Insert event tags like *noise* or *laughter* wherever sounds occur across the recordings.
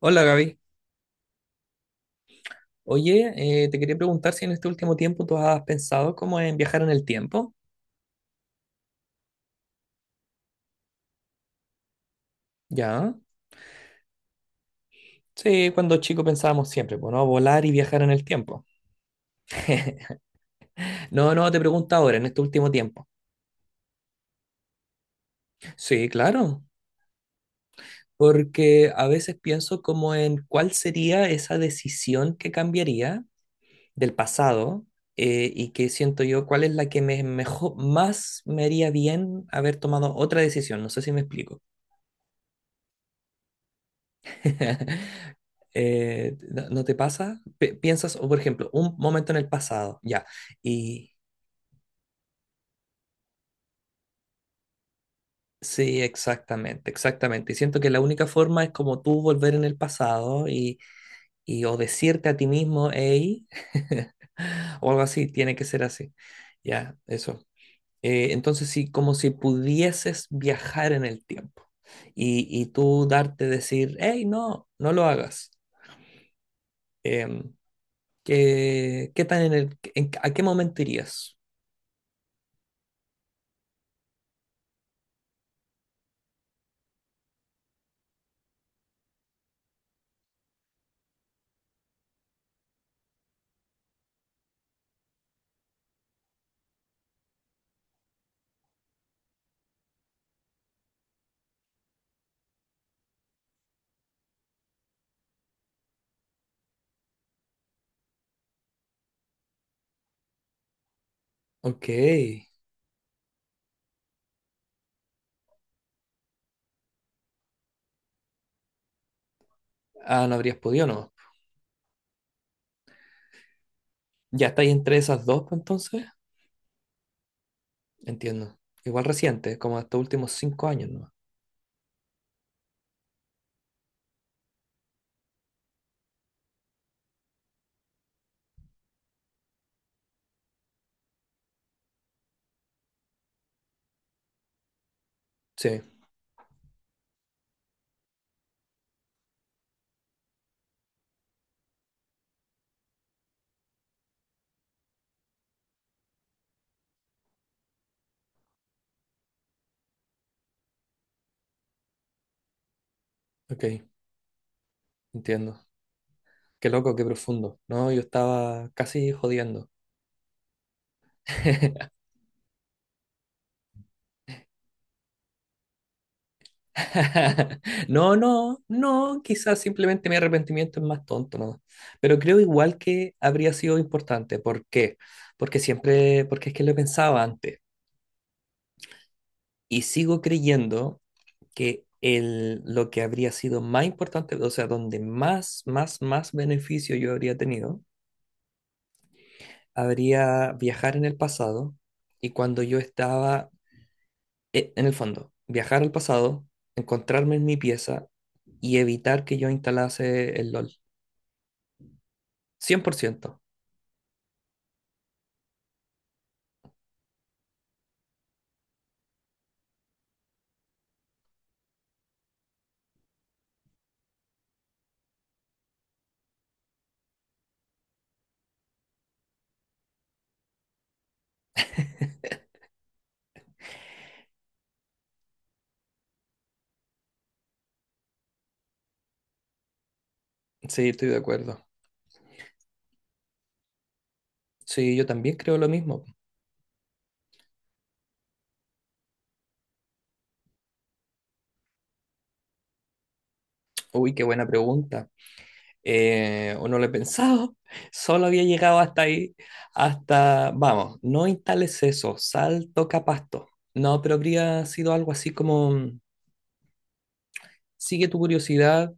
Hola Gaby. Oye, te quería preguntar si en este último tiempo tú has pensado como en viajar en el tiempo. ¿Ya? Sí, cuando chico pensábamos siempre, pues, ¿no? Volar y viajar en el tiempo. *laughs* No, no, te pregunto ahora, en este último tiempo. Sí, claro. Porque a veces pienso como en cuál sería esa decisión que cambiaría del pasado y que siento yo cuál es la que me mejor, más me haría bien haber tomado otra decisión. No sé si me explico. *laughs* ¿No, no te pasa? Piensas, o, por ejemplo, un momento en el pasado, ya. Y sí, exactamente, exactamente. Y siento que la única forma es como tú volver en el pasado y o decirte a ti mismo, hey, *laughs* o algo así, tiene que ser así. Ya, eso. Entonces, sí, como si pudieses viajar en el tiempo y tú darte decir, hey, no, no lo hagas. em, qué tan en a qué momento irías? Ok. Ah, no habrías podido, no. ¿Ya estáis entre esas dos, pues, entonces? Entiendo. Igual reciente, como estos últimos 5 años, ¿no? Sí, ok, entiendo. Qué loco, qué profundo. No, yo estaba casi jodiendo. *laughs* No, no, no, quizás simplemente mi arrepentimiento es más tonto, ¿no? Pero creo igual que habría sido importante. ¿Por qué? Porque siempre, porque es que lo pensaba antes. Y sigo creyendo que lo que habría sido más importante, o sea, donde más beneficio yo habría tenido, habría viajar en el pasado y cuando yo estaba, en el fondo, viajar al pasado, encontrarme en mi pieza y evitar que yo instalase el LOL. 100%. Sí, estoy de acuerdo. Sí, yo también creo lo mismo. Uy, qué buena pregunta. O no lo he pensado, *laughs* solo había llegado hasta ahí, hasta, vamos, no instales eso, salto capasto. No, pero habría sido algo así como, sigue tu curiosidad,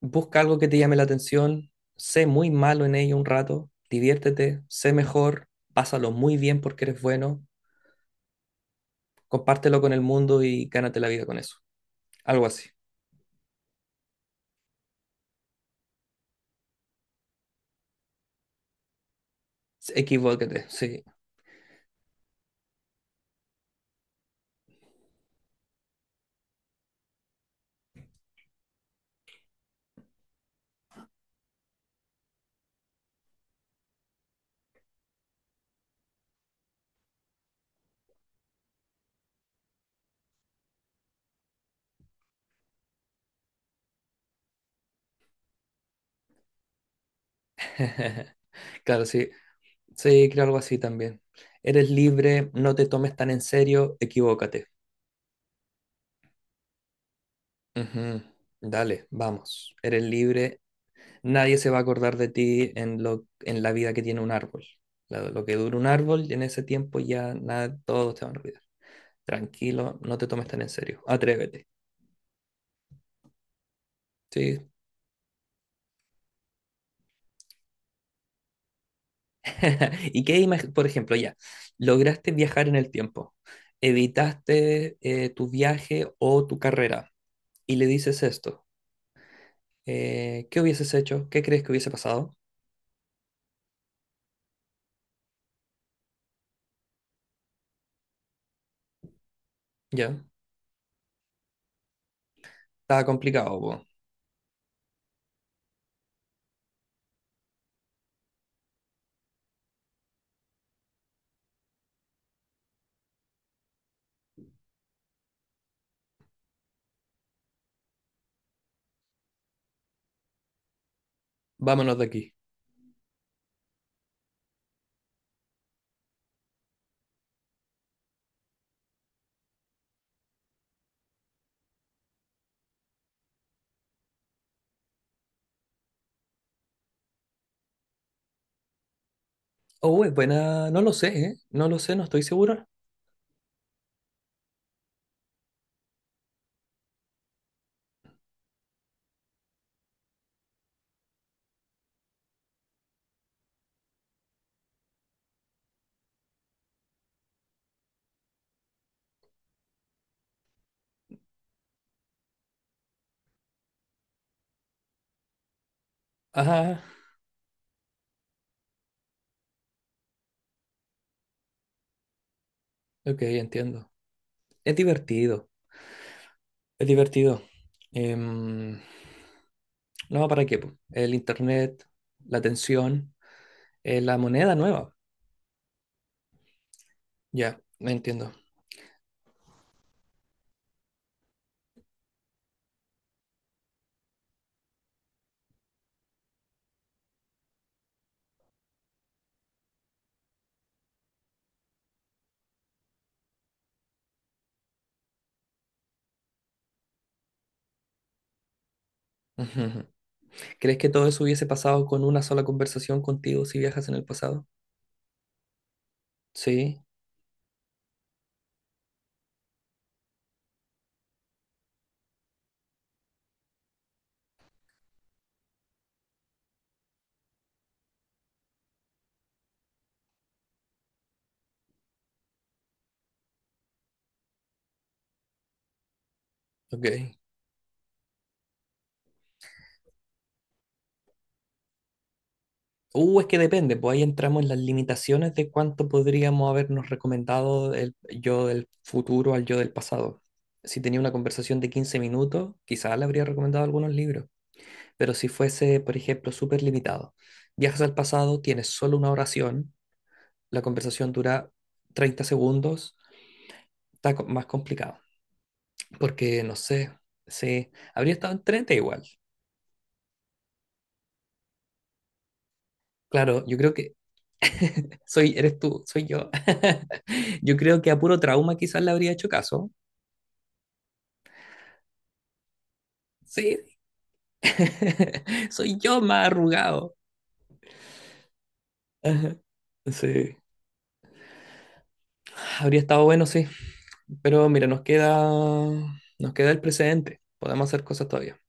busca algo que te llame la atención, sé muy malo en ello un rato, diviértete, sé mejor, pásalo muy bien porque eres bueno, compártelo con el mundo y gánate la vida con eso. Algo así. Equivóquete, sí. *laughs* Claro, sí. Sí, creo algo así también. Eres libre, no te tomes tan en serio, equivócate. Ujú. Dale, vamos. Eres libre. Nadie se va a acordar de ti en en la vida que tiene un árbol. Lo que dura un árbol, y en ese tiempo ya nada, todos te van a olvidar. Tranquilo, no te tomes tan en serio. Atrévete. Sí. *laughs* ¿Y qué imagen, por ejemplo, ya, lograste viajar en el tiempo, evitaste tu viaje o tu carrera y le dices esto? ¿Qué hubieses hecho? ¿Qué crees que hubiese pasado? Ya, estaba complicado, po. Vámonos de aquí. Oh, es buena, no lo sé, ¿eh? No lo sé, no estoy seguro. Ajá, ok, entiendo. Es divertido, es divertido. Em, no, ¿para qué, po? El internet, la tensión, la moneda nueva. Ya, me entiendo. Ujú. ¿Crees que todo eso hubiese pasado con una sola conversación contigo si viajas en el pasado? Sí, ok. Es que depende, pues ahí entramos en las limitaciones de cuánto podríamos habernos recomendado el yo del futuro al yo del pasado. Si tenía una conversación de 15 minutos, quizás le habría recomendado algunos libros, pero si fuese, por ejemplo, súper limitado, viajas al pasado, tienes solo una oración, la conversación dura 30 segundos, está más complicado, porque no sé, sí, habría estado en igual. Claro, yo creo que *laughs* soy, eres tú, soy yo. *laughs* Yo creo que a puro trauma quizás le habría hecho caso. Sí, *laughs* soy yo más arrugado. Ajá. Sí, habría estado bueno, sí. Pero mira, nos queda el precedente. Podemos hacer cosas todavía.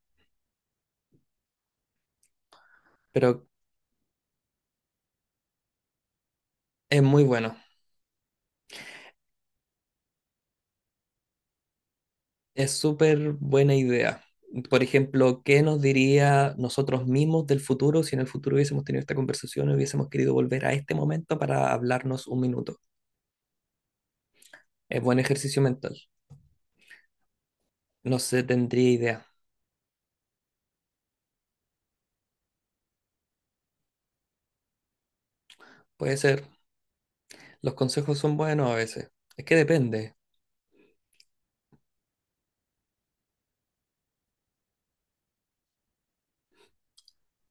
Pero es muy bueno. Es súper buena idea. Por ejemplo, ¿qué nos diría nosotros mismos del futuro si en el futuro hubiésemos tenido esta conversación y hubiésemos querido volver a este momento para hablarnos un minuto? Es buen ejercicio mental. No sé, tendría idea. Puede ser. Los consejos son buenos a veces. Es que depende.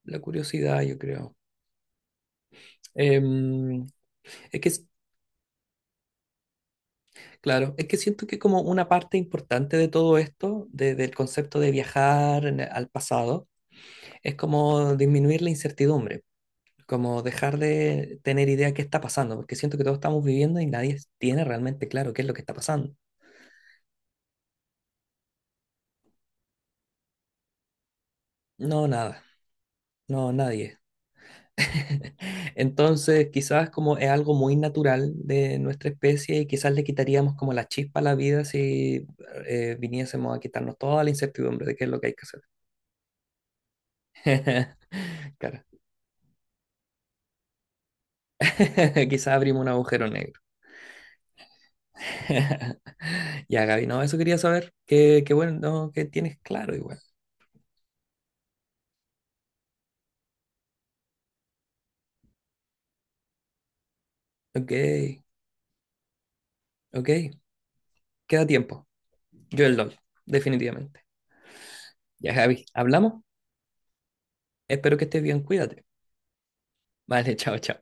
La curiosidad, yo creo. Em, es que, es- claro, es que siento que como una parte importante de todo esto, del concepto de viajar al pasado, es como disminuir la incertidumbre, como dejar de tener idea de qué está pasando, porque siento que todos estamos viviendo y nadie tiene realmente claro qué es lo que está pasando. No, nada. No, nadie. *laughs* Entonces, quizás como es algo muy natural de nuestra especie y quizás le quitaríamos como la chispa a la vida si viniésemos a quitarnos toda la incertidumbre de qué es lo que hay que hacer. *laughs* Claro. *laughs* Quizás abrimos un agujero negro. *laughs* Ya, Gaby, no, eso quería saber. Qué, qué bueno, no, que tienes claro igual. Ok, ok, queda tiempo. Yo el LOL, definitivamente. Ya, Gaby, hablamos. Espero que estés bien, cuídate. Vale, *laughs* chao, chao.